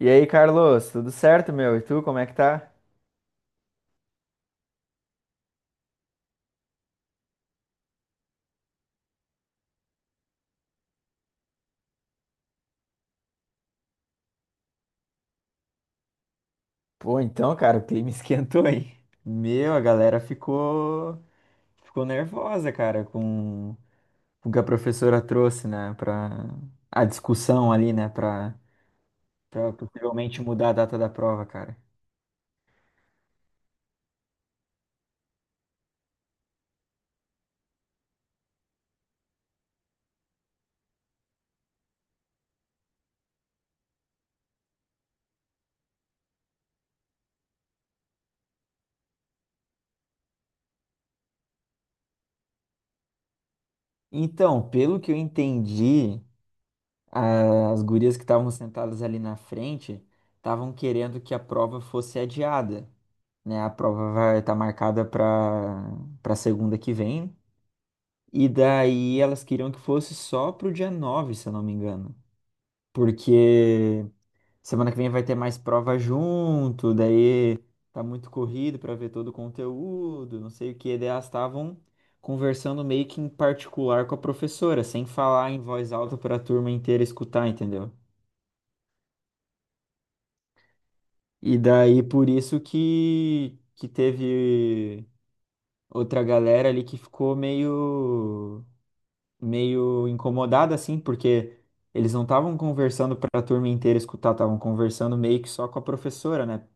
E aí, Carlos, tudo certo, meu? E tu, como é que tá? Pô, então, cara, o clima esquentou, aí. Meu, a galera ficou nervosa, cara, com o que a professora trouxe, né, pra a discussão ali, né, pra possivelmente mudar a data da prova, cara. Então, pelo que eu entendi, as gurias que estavam sentadas ali na frente estavam querendo que a prova fosse adiada, né? A prova vai estar marcada para segunda que vem. E daí elas queriam que fosse só pro dia 9, se eu não me engano. Porque semana que vem vai ter mais prova junto, daí tá muito corrido pra ver todo o conteúdo, não sei o que. Daí elas estavam conversando meio que em particular com a professora, sem falar em voz alta pra turma inteira escutar, entendeu? E daí por isso que teve outra galera ali que ficou meio incomodada, assim, porque eles não estavam conversando para a turma inteira escutar, estavam conversando meio que só com a professora, né?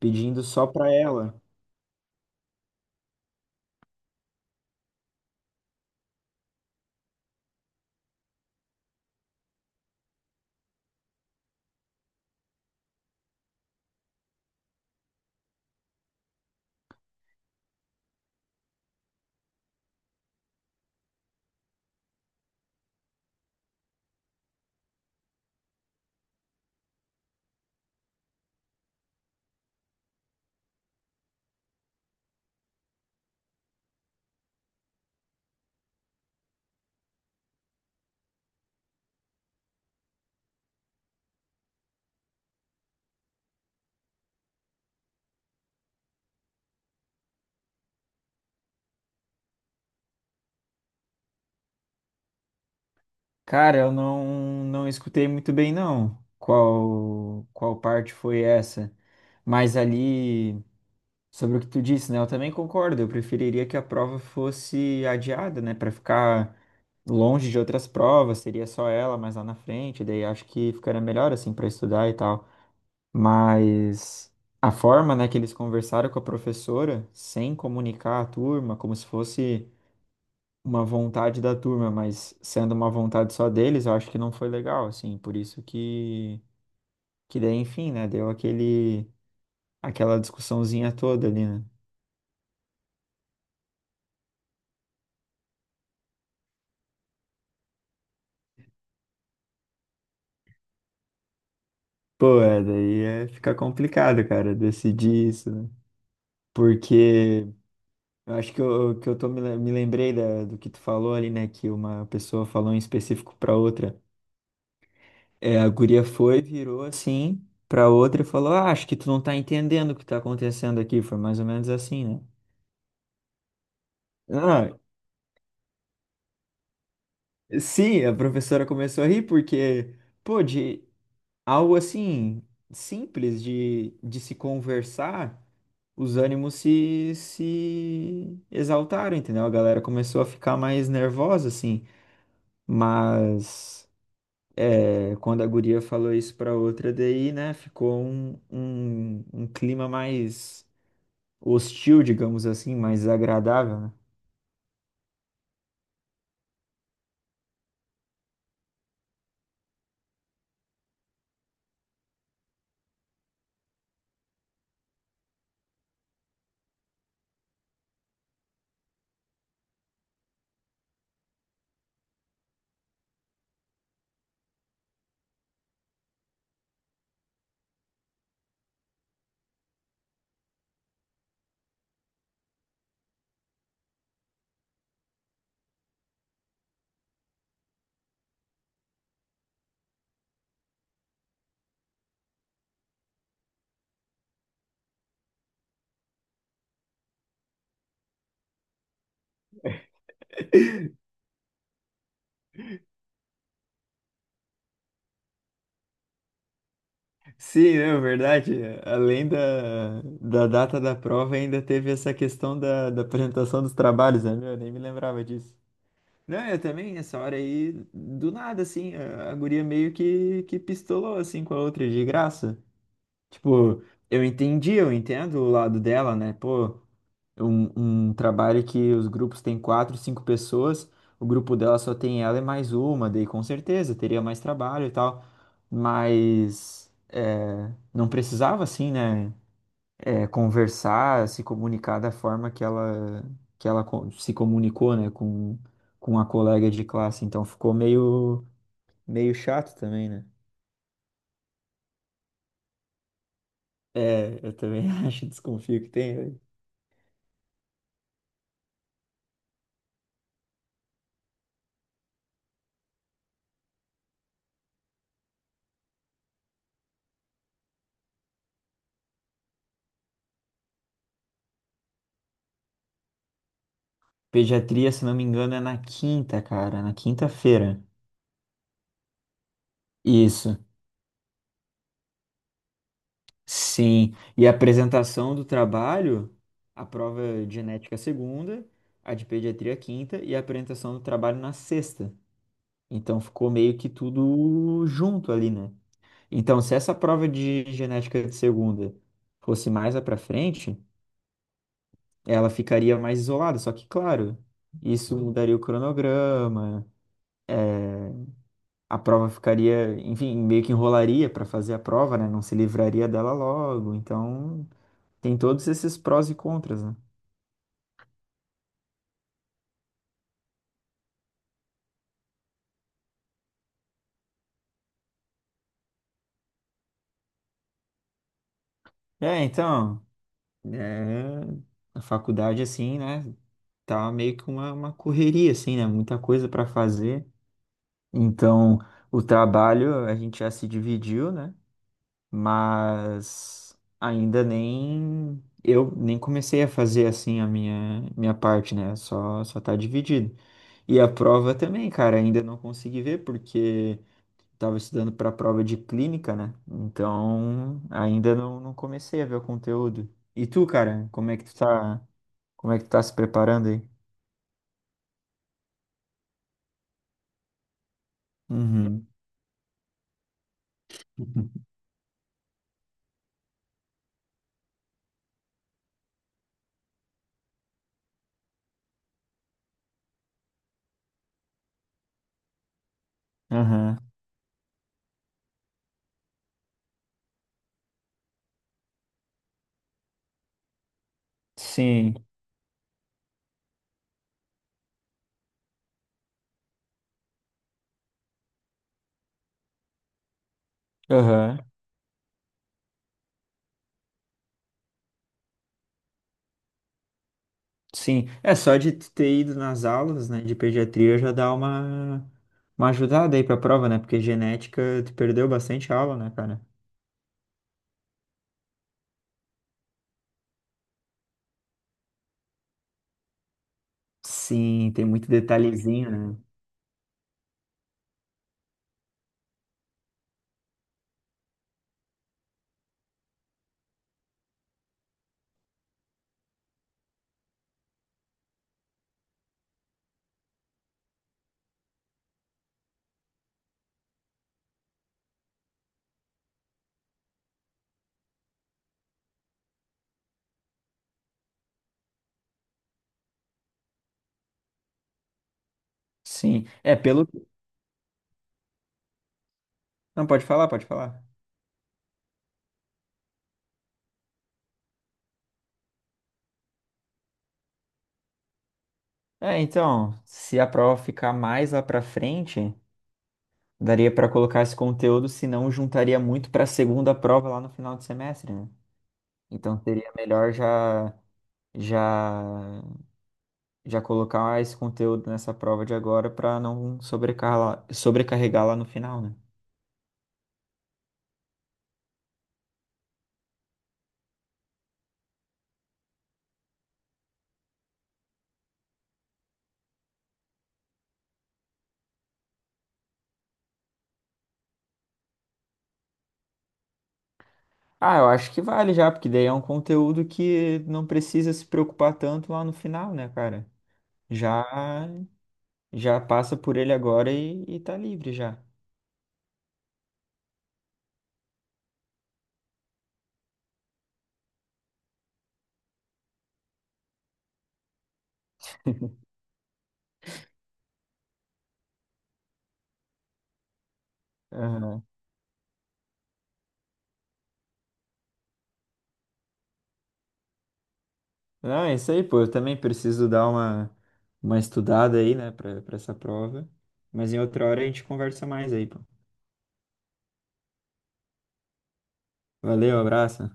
Pedindo só para ela. Cara, eu não, não escutei muito bem, não, qual parte foi essa. Mas ali, sobre o que tu disse, né? Eu também concordo. Eu preferiria que a prova fosse adiada, né? Para ficar longe de outras provas, seria só ela mais lá na frente. Daí acho que ficaria melhor, assim, para estudar e tal. Mas a forma, né, que eles conversaram com a professora, sem comunicar a turma, como se fosse uma vontade da turma, mas sendo uma vontade só deles, eu acho que não foi legal, assim, por isso que daí, enfim, né, deu aquele, aquela discussãozinha toda ali, né? Pô, é, daí é, fica complicado, cara, decidir isso, né? Porque eu acho que eu tô, me lembrei do que tu falou ali, né, que uma pessoa falou em específico pra outra. É, a guria foi, virou assim pra outra e falou: ah, acho que tu não tá entendendo o que tá acontecendo aqui. Foi mais ou menos assim, né? Ah, sim, a professora começou a rir porque, pô, de algo assim simples de se conversar, os ânimos se exaltaram, entendeu? A galera começou a ficar mais nervosa, assim. Mas é, quando a guria falou isso pra outra, daí, né, ficou um clima mais hostil, digamos assim, mais agradável, né? Sim, não, verdade. Além da data da prova, ainda teve essa questão da apresentação dos trabalhos, né? Meu, eu nem me lembrava disso. Não, eu também, nessa hora aí, do nada, assim, a guria meio que pistolou, assim, com a outra de graça. Tipo, eu entendi, eu entendo o lado dela, né? Pô, um trabalho que os grupos têm quatro, cinco pessoas, o grupo dela só tem ela e mais uma, daí com certeza teria mais trabalho e tal, mas é, não precisava assim, né, é, conversar, se comunicar da forma que ela, se comunicou, né, com a colega de classe, então ficou meio, meio chato também, né? É, eu também acho, desconfio que tem. Pediatria, se não me engano, é na quinta, cara, na quinta-feira. Isso. Sim, e a apresentação do trabalho, a prova de genética segunda, a de pediatria quinta e a apresentação do trabalho na sexta. Então ficou meio que tudo junto ali, né? Então, se essa prova de genética de segunda fosse mais lá para frente, ela ficaria mais isolada. Só que, claro, isso mudaria o cronograma, a prova ficaria, enfim, meio que enrolaria para fazer a prova, né? Não se livraria dela logo. Então, tem todos esses prós e contras, né? É, então, é, a faculdade, assim, né, tá meio que uma correria, assim, né, muita coisa para fazer. Então, o trabalho a gente já se dividiu, né, mas ainda nem, eu nem comecei a fazer, assim, a minha parte, né, só tá dividido. E a prova também, cara, ainda não consegui ver, porque estava estudando para a prova de clínica, né? Então, ainda não, não comecei a ver o conteúdo. E tu, cara, como é que tu tá se preparando aí? Uhum. Aham. Sim. Aham. Sim. É só de tu ter ido nas aulas, né, de pediatria já dá uma ajudada aí pra prova, né? Porque genética tu perdeu bastante aula, né, cara? Sim, tem muito detalhezinho, né? Sim. É pelo. Não, pode falar, pode falar. É, então, se a prova ficar mais lá pra frente, daria pra colocar esse conteúdo, senão juntaria muito pra segunda prova lá no final de semestre, né? Então seria melhor já já colocar esse conteúdo nessa prova de agora pra não sobrecarregar, lá no final, né? Ah, eu acho que vale já, porque daí é um conteúdo que não precisa se preocupar tanto lá no final, né, cara? Já já passa por ele agora e tá livre já. Não, é isso aí, pô. Eu também preciso dar uma estudada aí, né, pra essa prova. Mas em outra hora a gente conversa mais aí, pô. Valeu, abraço.